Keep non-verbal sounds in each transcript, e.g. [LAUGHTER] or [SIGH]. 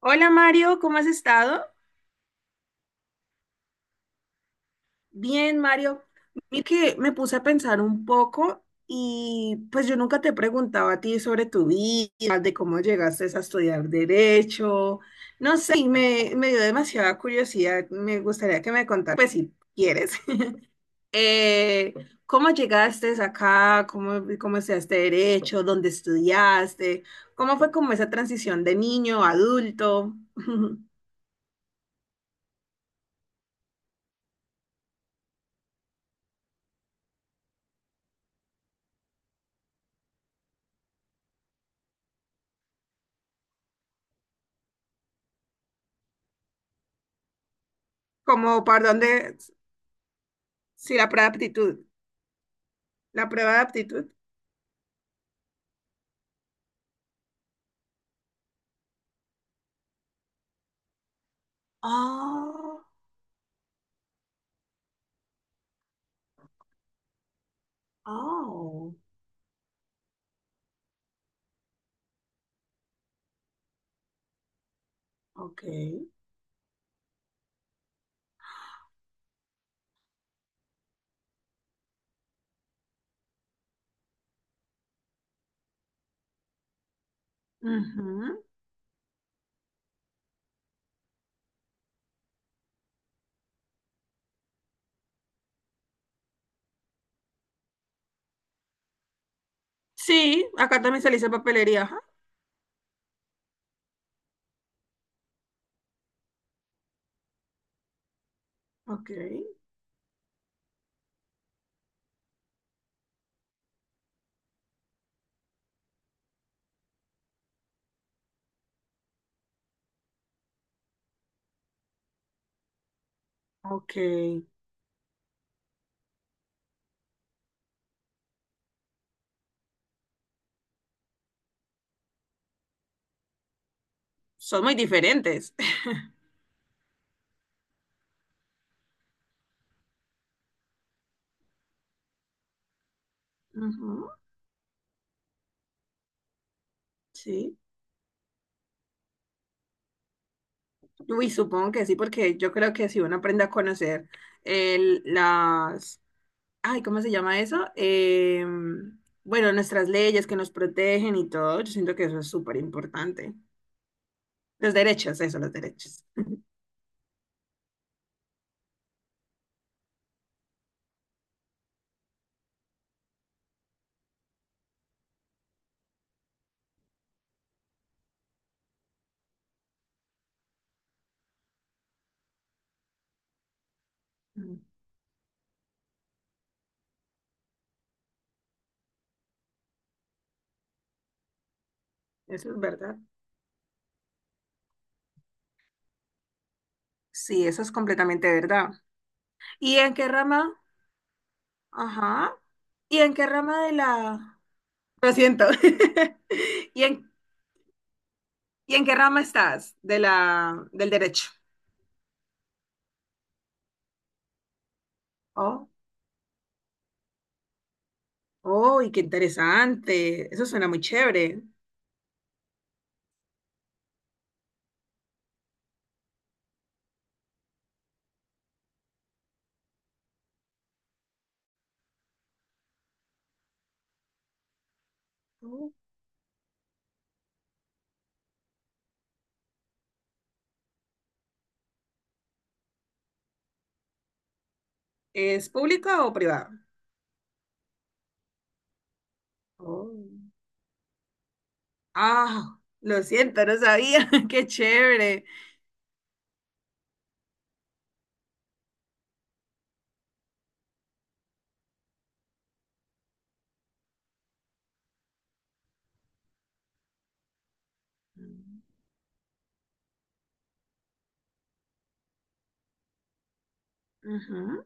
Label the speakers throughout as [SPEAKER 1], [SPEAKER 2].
[SPEAKER 1] Hola Mario, ¿cómo has estado? Bien, Mario. Mira que me puse a pensar un poco y pues yo nunca te he preguntado a ti sobre tu vida, de cómo llegaste a estudiar derecho. No sé, y me dio demasiada curiosidad. Me gustaría que me contaras, pues si quieres, [LAUGHS] eh, cómo llegaste acá, cómo estudiaste derecho, dónde estudiaste, cómo fue como esa transición de niño a adulto. [LAUGHS] ¿Como para dónde, si la pura aptitud? La prueba de aptitud. Oh, oh, ok. Ujú. Sí, acá también se le dice papelería. Ajá. Ok, ok. Son muy diferentes. Ujú. Sí. Uy, supongo que sí, porque yo creo que si uno aprende a conocer las, ay, ¿cómo se llama eso? Bueno, nuestras leyes que nos protegen y todo, yo siento que eso es súper importante. Los derechos, eso, los derechos. [LAUGHS] Eso es verdad. Sí, eso es completamente verdad. ¿Y en qué rama? Ajá. ¿Y en qué rama de la... Lo siento. [LAUGHS] ¿Y y en qué rama estás de del derecho? Oh, oh, y qué interesante. Eso suena muy chévere. Oh. ¿Es pública o privada? Oh. Ah, lo siento, no sabía. [LAUGHS] Qué chévere. Ujú.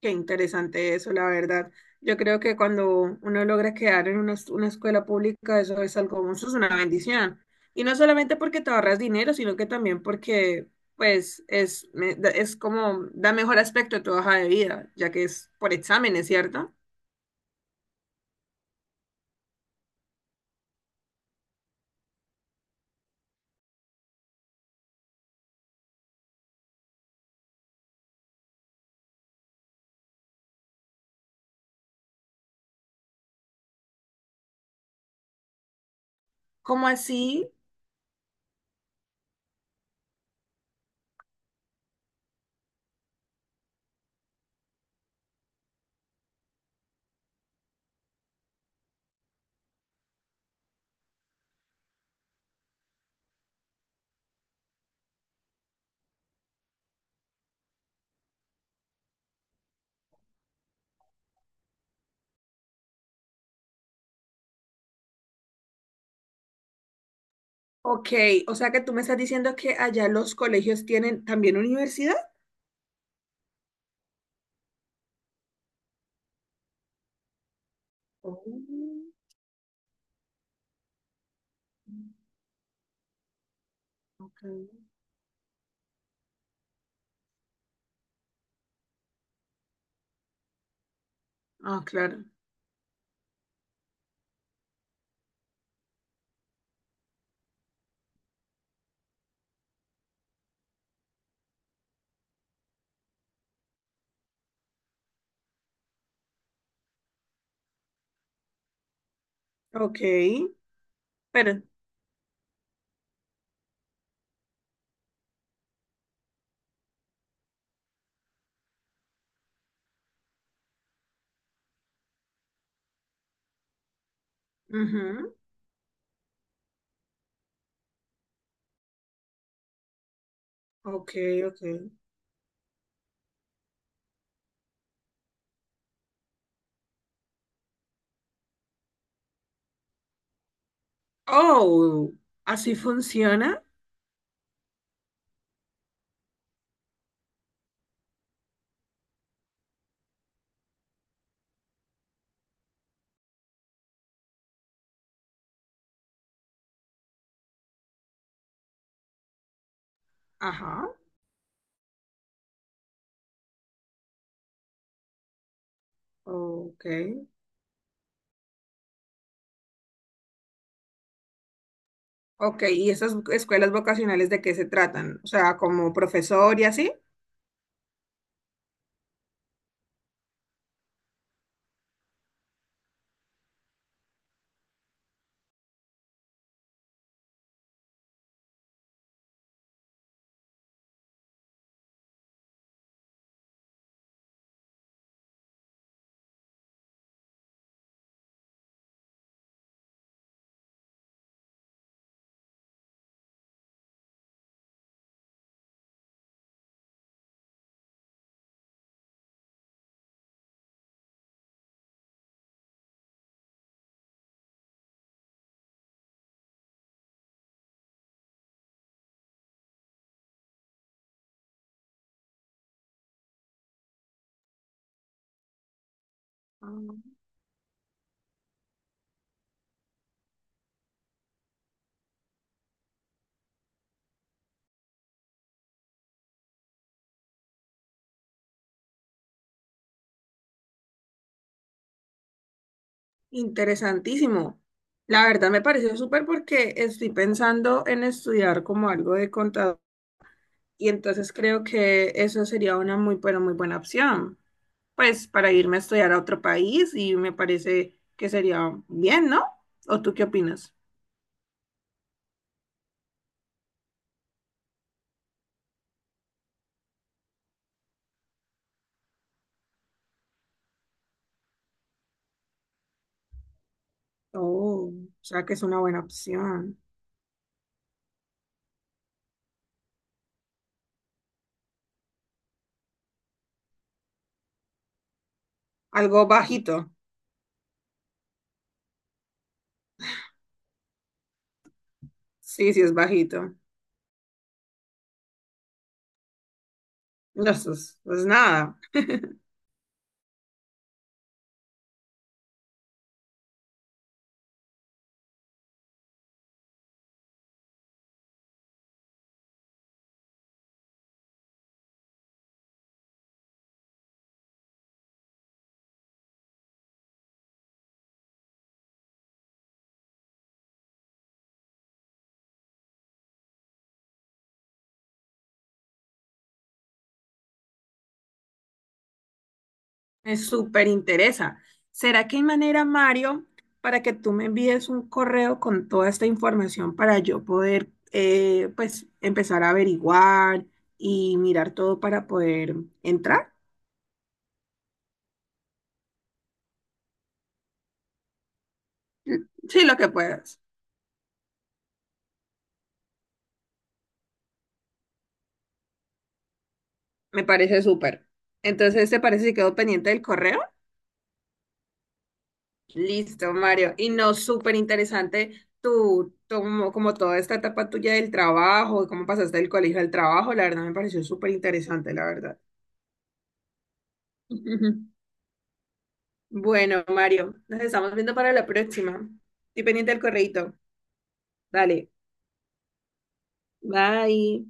[SPEAKER 1] Qué interesante eso, la verdad. Yo creo que cuando uno logra quedar en una escuela pública, eso es algo, eso es una bendición. Y no solamente porque te ahorras dinero, sino que también porque, pues, es como, da mejor aspecto a tu hoja de vida, ya que es por exámenes, ¿cierto? ¿Cómo así? Ok, o sea que tú me estás diciendo que allá los colegios tienen también universidad. Oh, ok. Ah, claro. Ok, pero, ujú. Ok, ok. Oh, así funciona. Ajá, ok. Ok, ¿y esas escuelas vocacionales de qué se tratan? O sea, como profesor y así. Ah, interesantísimo. La verdad me pareció súper porque estoy pensando en estudiar como algo de contador y entonces creo que eso sería una muy, pero muy buena opción. Pues para irme a estudiar a otro país y me parece que sería bien, ¿no? ¿O tú qué opinas? Oh, o sea que es una buena opción. Algo bajito. Sí, sí, es bajito. No, eso es, pues nada. Me súper interesa. ¿Será que hay manera, Mario, para que tú me envíes un correo con toda esta información para yo poder, pues, empezar a averiguar y mirar todo para poder entrar? Mm. Sí, lo que puedas. Me parece súper. Entonces, ¿te parece si quedo pendiente del correo? Listo, Mario. Y no, súper interesante como, como toda esta etapa tuya del trabajo, cómo pasaste del colegio al trabajo, la verdad me pareció súper interesante, la verdad. [LAUGHS] Bueno, Mario, nos estamos viendo para la próxima. Estoy pendiente del correíto. Dale, bye.